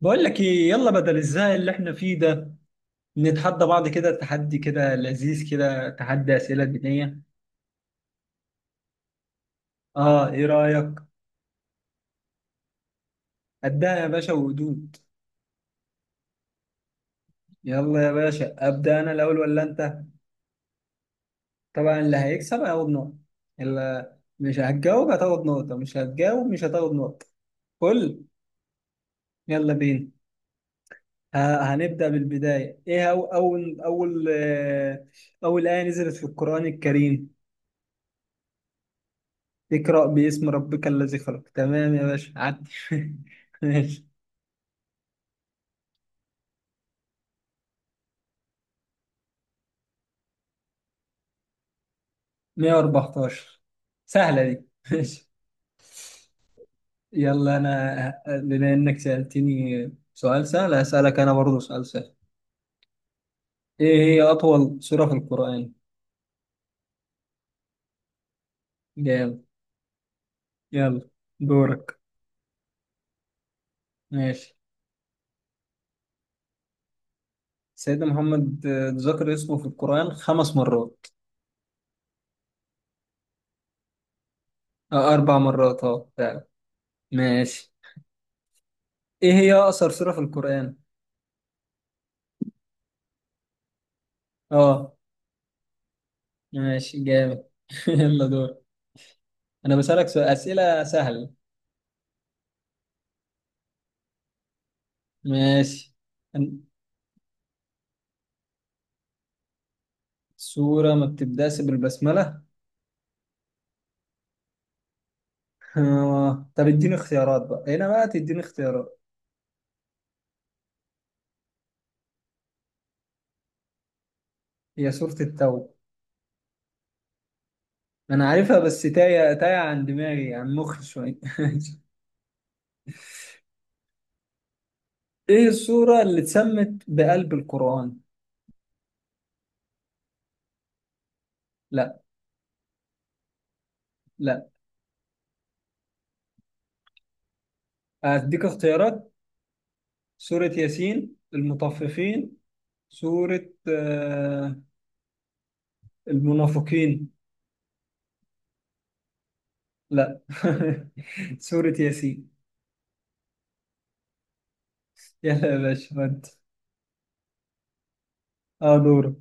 بقول لك ايه، يلا بدل الزهق اللي احنا فيه ده نتحدى بعض كده، تحدي كده لذيذ كده، تحدي اسئله دينيه. اه، ايه رايك؟ ابدا يا باشا، وهدوء. يلا يا باشا، ابدا. انا الاول ولا انت؟ طبعا اللي هيكسب هياخد نقطه، اللي مش هتجاوب هتاخد نقطه، مش هتجاوب مش هتاخد نقطه. كل، يلا بينا. هنبدا بالبدايه. ايه هو اول ايه نزلت في القران الكريم؟ اقرا باسم ربك الذي خلق. تمام يا باشا، عدي ماشي. 114. سهلة دي ماشي. يلا، أنا بما إنك سألتني سؤال سهل هسألك أنا برضه سؤال سهل. إيه هي أطول سورة في القرآن؟ جامد. يلا دورك. ماشي. سيدنا محمد، ذكر اسمه في القرآن 5 مرات. أه 4 مرات، أه فعلا. ماشي. إيه هي أقصر سورة في القرآن؟ أه. ماشي جامد. يلا دور. أنا بسألك سؤال، أسئلة سهلة. ماشي. أن- سورة ما بتبدأش بالبسملة. طب اديني اختيارات بقى، هنا بقى تديني اختيارات. هي سورة التوبة. انا عارفها بس تايه تايه عن دماغي، عن مخي شوية ايه السورة اللي اتسمت بقلب القرآن؟ لا. لا. اديك اختيارات. سورة ياسين، المطففين، سورة، المنافقين. لا سورة ياسين. يلا يا باشا، ودي. اه، دورك.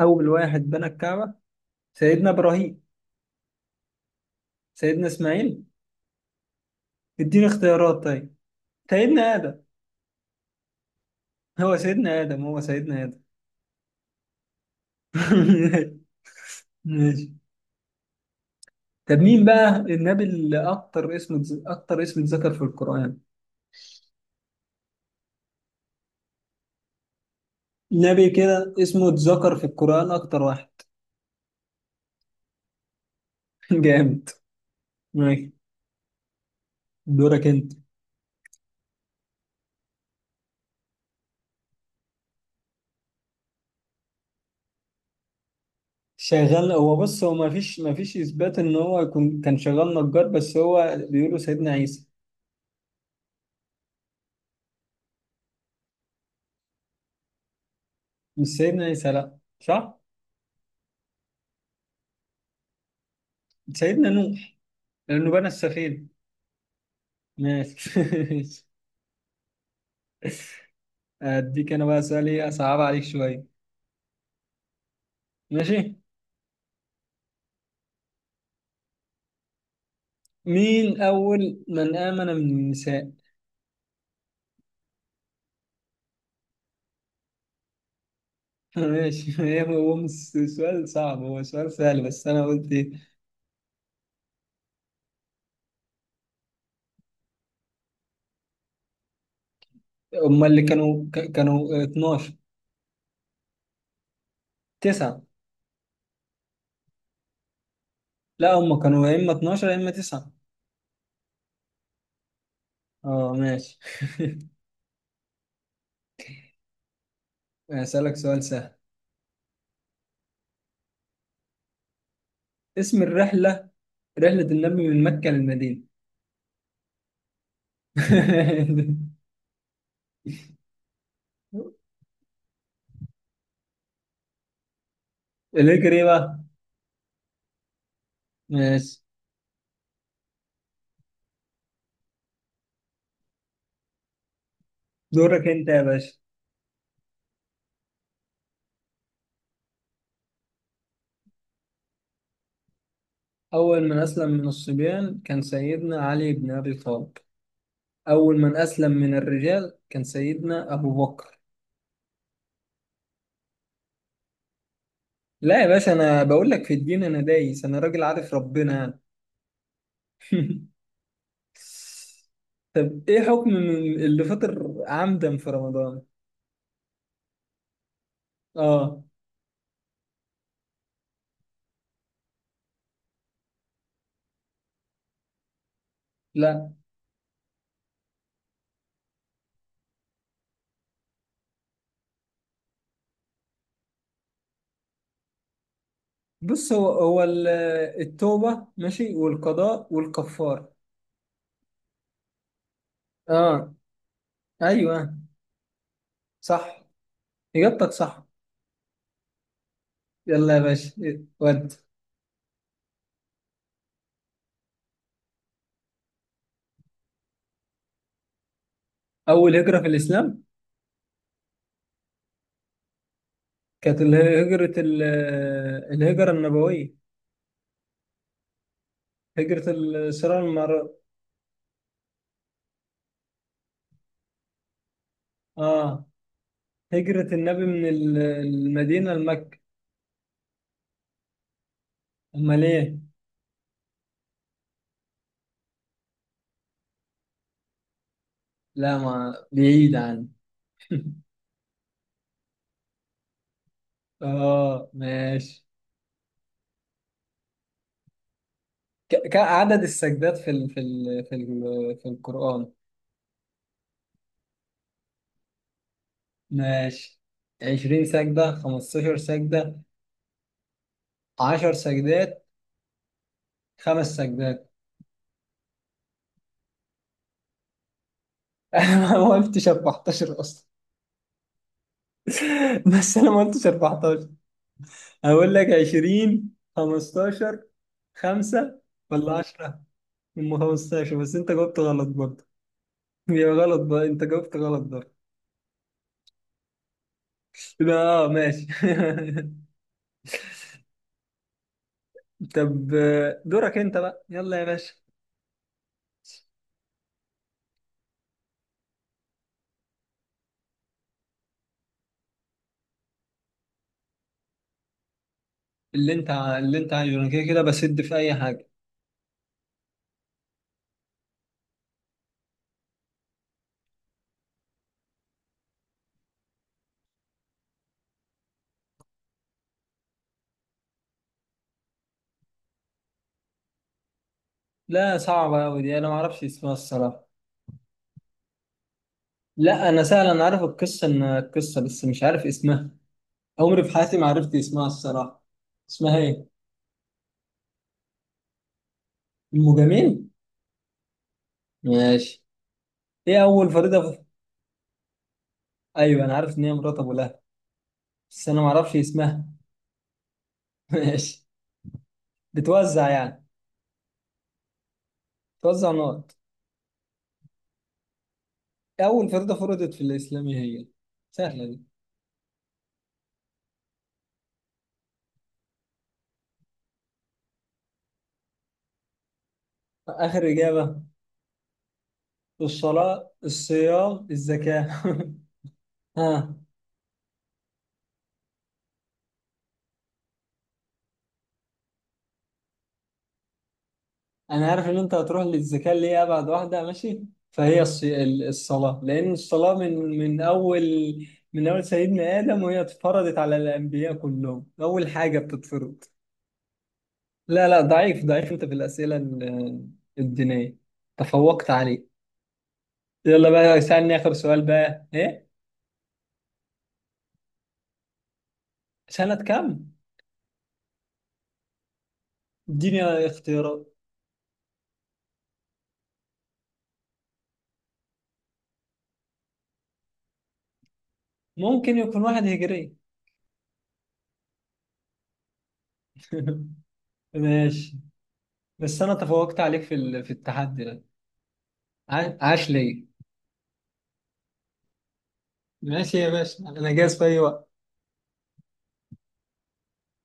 أول واحد بنى الكعبة؟ سيدنا إبراهيم. سيدنا إسماعيل. اديني اختيارات طيب. سيدنا آدم. هو سيدنا آدم، هو سيدنا آدم. ماشي. طب مين بقى النبي اللي أكتر اسم اتذكر في القرآن؟ نبي كده اسمه اتذكر في القرآن أكتر واحد جامد. ماشي دورك أنت. شغال؟ هو بص، هو ما فيش إثبات إن هو يكون كان شغال نجار، بس هو بيقولوا سيدنا عيسى. مش سيدنا عيسى، لأ صح؟ سيدنا نوح، لأنه بنى السفينة. ماشي. أديك أنا بقى سؤال إيه أصعب عليك شوية. ماشي. مين أول من آمن من النساء؟ ماشي. هو مش سؤال صعب، هو سؤال سهل، بس أنا قلت إيه، هم اللي كانوا 12. 9. لا، هم كانوا يا إما 12 يا إما 9. أه ماشي. هسألك سؤال سهل. اسم الرحلة، رحلة النبي من مكة للمدينة. ليه، إيه بقى؟ ماشي دورك أنت يا باشا. أول من أسلم من الصبيان كان سيدنا علي بن أبي طالب. أول من أسلم من الرجال كان سيدنا أبو بكر. لا يا باشا، أنا بقول لك في الدين أنا دايس، أنا راجل عارف ربنا يعني. طب إيه حكم من اللي فطر عمدا في رمضان؟ آه. لا بص، هو التوبة ماشي، والقضاء والكفارة. آه، أيوه، صح. إجابتك صح. يلا يا باشا، ود. أول هجرة في الإسلام كانت هجرة ال- الهجرة النبوية، هجرة الصراع. اه، هجرة النبي من المدينة لمكة. امال ايه؟ لا ما بعيد عن. اه ماشي. كعدد السجدات في القرآن؟ ماشي. 20 سجدة، 15 سجدة، 10 سجدات، 5 سجدات. انا ما قلتش 14 اصلا. بس انا ما قلتش 14. هقول لك 20، 15، 5، ولا 10؟ هم 15، بس انت جاوبت غلط برضه. يا غلط بقى، انت جاوبت غلط برضه. يبقى اه، ماشي. طب، دورك انت بقى، يلا يا باشا. اللي انت عايزه، انا كده كده بسد في اي حاجه. لا صعبه قوي دي، انا ما اعرفش اسمها الصراحه. لا، انا سهل، انا عارف القصه، ان القصه بس مش عارف اسمها. عمري في حياتي ما عرفت اسمها الصراحه. اسمها ايه؟ المجامين. ماشي. ايه اول فريضه في... ايوه، انا عارف ان هي مرات ابو لهب. بس انا ما اعرفش اسمها. ماشي. بتوزع يعني، بتوزع نار. أول فريضة فرضت في الإسلام إيه هي؟ سهلة دي. آخر إجابة. الصلاة، الصيام، الزكاة. ها. أنا عارف إن أنت هتروح للزكاة اللي هي أبعد واحدة. ماشي. فهي الصلاة، لأن الصلاة من أول، من أول سيدنا آدم، وهي اتفرضت على الأنبياء كلهم، أول حاجة بتتفرض. لا لا، ضعيف ضعيف أنت في الأسئلة الدينية. تفوقت عليه. يلا بقى، اسألني آخر سؤال بقى إيه. سنة كام؟ اديني اختيارات. ممكن يكون 1 هجري. ماشي. بس انا تفوقت عليك في التحدي ده. عاش ليه. ماشي يا باشا، انا جاهز في اي وقت.